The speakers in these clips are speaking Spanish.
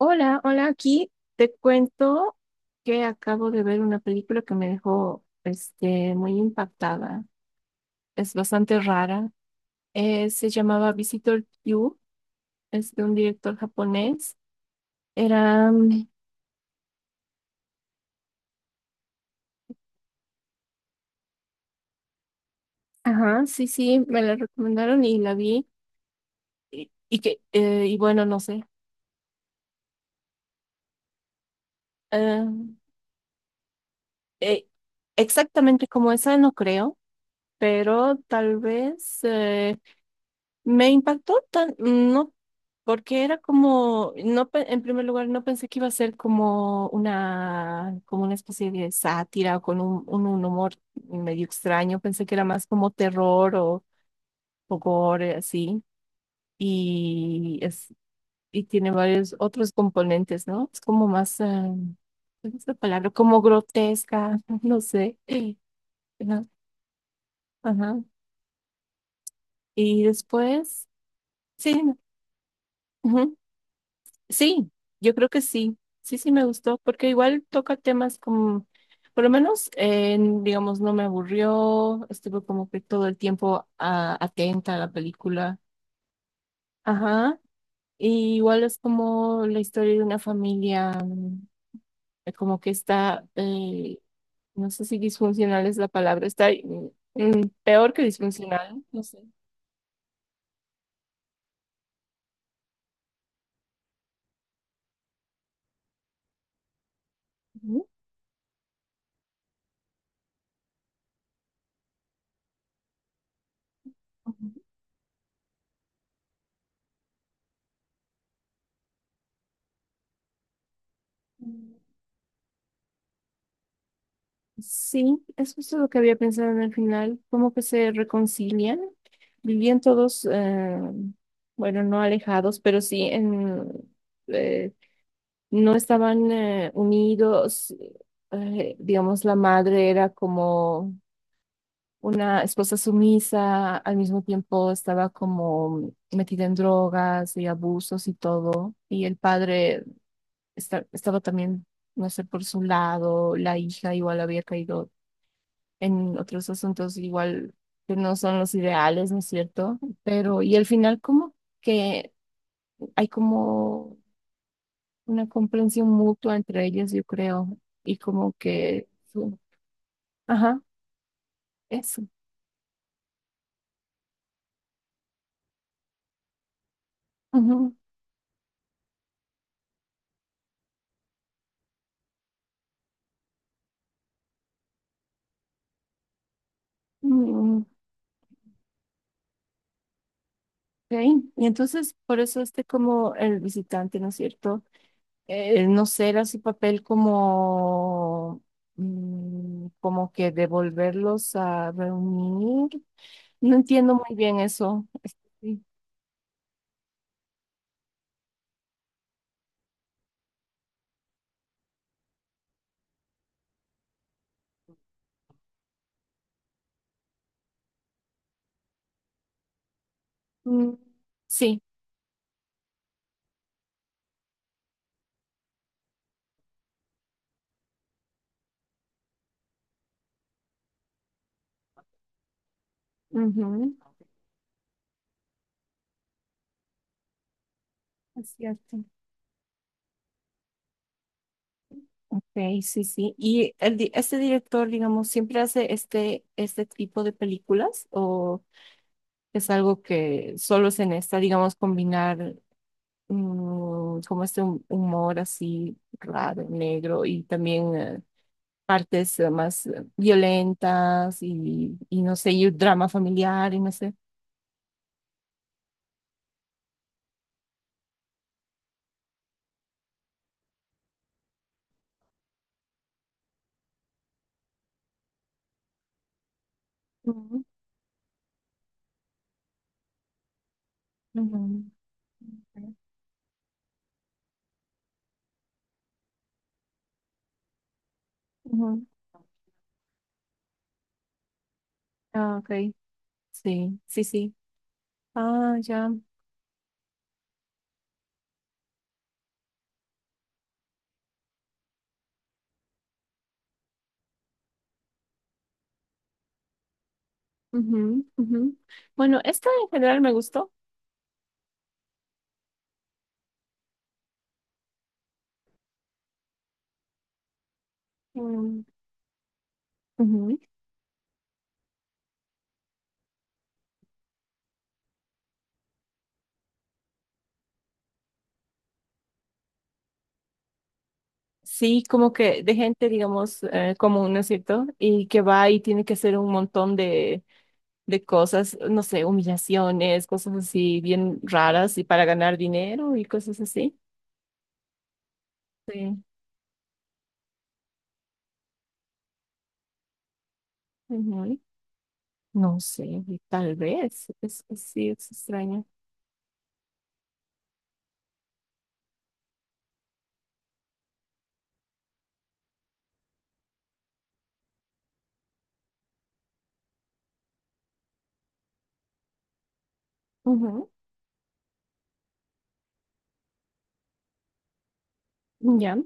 Hola, hola, aquí te cuento que acabo de ver una película que me dejó muy impactada. Es bastante rara. Se llamaba Visitor You, es de un director japonés. Era, mm, ajá, sí, sí, me la recomendaron y la vi. Y bueno, no sé. Ah, eh, exactamente como esa no creo, pero tal vez. Me impactó tan, no, porque era como, no, pe- en primer lugar, no pensé que iba a ser como como una especie de sátira o con un humor medio extraño. Pensé que era más como terror o gore, así. Y es, y tiene varios otros componentes, ¿no? Es como más, ¿cuál es la palabra? Como grotesca, no sé. Ajá. Ajá. Y después, sí. Sí, yo creo que sí, sí, sí me gustó, porque igual toca temas como, por lo menos, digamos, no me aburrió, estuve como que todo el tiempo atenta a la película. Ajá, y igual es como la historia de una familia, como que está, no sé si disfuncional es la palabra, está peor que disfuncional, no sé. Ujú. Ujú. Sí, es justo lo que había pensado en el final, como que se reconcilian. Vivían todos, bueno, no alejados, pero sí en, eh, no estaban unidos. Digamos, la madre era como una esposa sumisa, al mismo tiempo estaba como metida en drogas y abusos y todo. Y el padre estaba también, no sé, por su lado, la hija igual había caído en otros asuntos igual que no son los ideales, ¿no es cierto? Pero, y al final como que hay como una comprensión mutua entre ellos, yo creo, y como que, su- ajá, eso. Ujú, mm, ok. Y entonces, por eso este como el visitante, ¿no es cierto? No será su papel como... como que devolverlos a reunir. No entiendo muy bien eso. Mm, sí, ujú, es cierto. Ok, sí, sí. ¿Y el, este director, digamos, siempre hace este, este tipo de películas o es algo que solo se necesita, digamos, combinar como este humor así raro, negro y también partes más violentas y no sé, y un drama familiar y no sé? Ujú, ujú, ujú. Ujú. Ah, ok, sí, sí, sí. Ah, ya. Ujú, ujú. Bueno, esto en general me gustó. Mm, ujú. Sí, como que de gente, digamos, común, ¿no es cierto? Y que va y tiene que hacer un montón de cosas, no sé, humillaciones, cosas así bien raras y para ganar dinero y cosas así. Sí. Ujú. No sé, y tal vez. Sí, es extraño. Ujú, ya.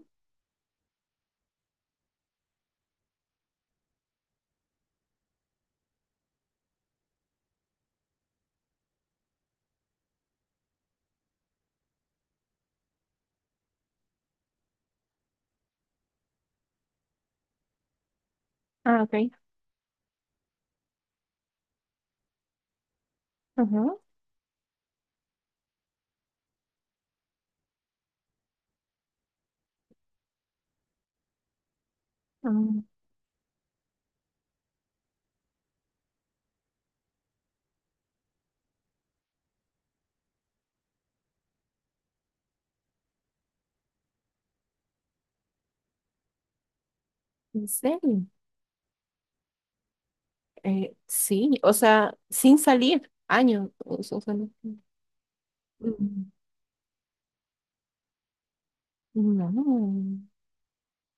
Ah, ok. Ajá. Ah, ¿en serio? Sí, o sea, sin salir, años. O sea, no- Mm, no.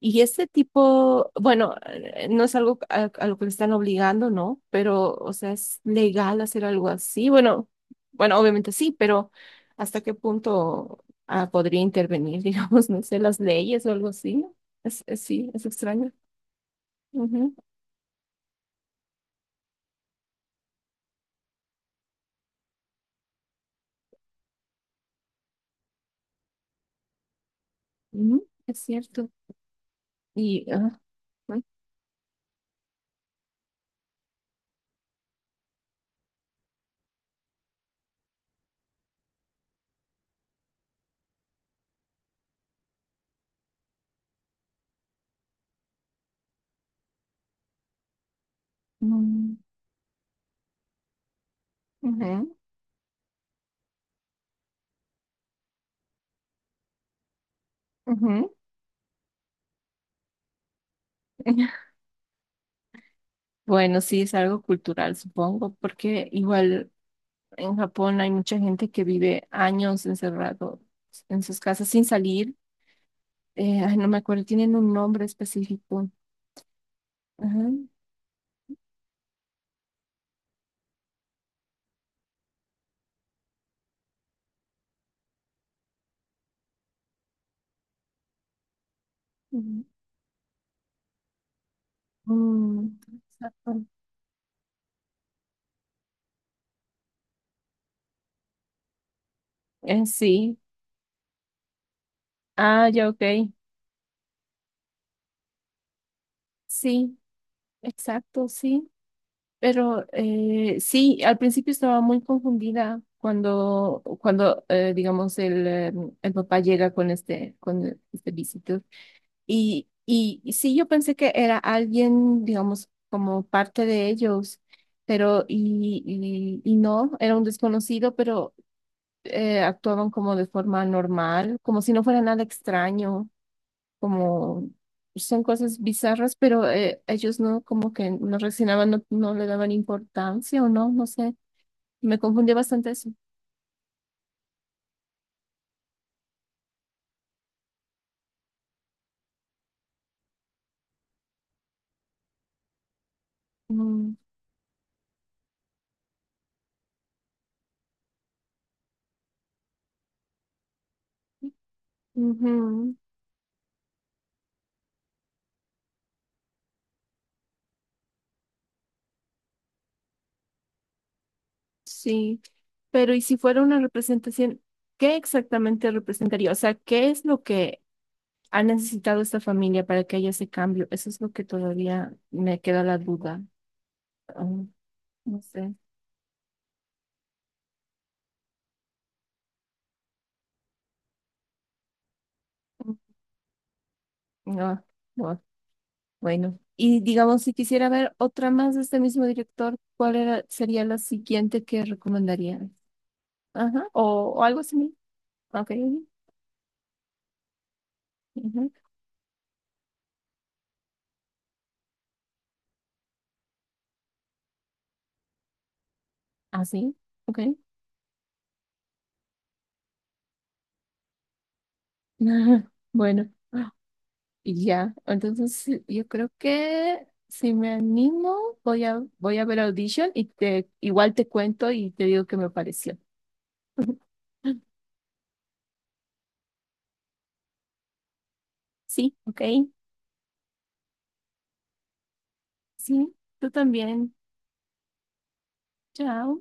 Y este tipo, bueno, no es algo a lo que le están obligando, ¿no? Pero, o sea, es legal hacer algo así. Bueno, bueno, obviamente sí, pero ¿hasta qué punto podría intervenir, digamos, no sé, las leyes o algo así? Sí, es extraño. Ujú, ujú, es cierto. Y, ah, ay, mm, ujú, ujú. Bueno, sí, es algo cultural, supongo, porque igual en Japón hay mucha gente que vive años encerrado en sus casas sin salir. Ay, no me acuerdo, tienen un nombre específico. Ajá. Mm, mm, exacto. Sí. Ah, ya, ok. Sí, exacto, sí. Pero sí, al principio estaba muy confundida cuando digamos, el papá llega con este visito. Y sí, yo pensé que era alguien, digamos, como parte de ellos, pero no, era un desconocido, pero actuaban como de forma normal, como si no fuera nada extraño, como son cosas bizarras, pero ellos no, como que no reaccionaban, no, no le daban importancia o no, no sé, me confundió bastante eso. Mm, ujú. Sí, pero ¿y si fuera una representación, qué exactamente representaría? O sea, ¿qué es lo que ha necesitado esta familia para que haya ese cambio? Eso es lo que todavía me queda la duda. Ah, no sé. No, no, bueno. Y digamos, si quisiera ver otra más de este mismo director, sería la siguiente que recomendaría? Ajá, o algo similar. Ok. Ujú, así, ok. Bueno. Y ya, entonces sí, yo creo que si me animo, voy a ver Audition y te, igual te cuento y te digo qué me pareció. Sí, ok, sí, tú también. Chao.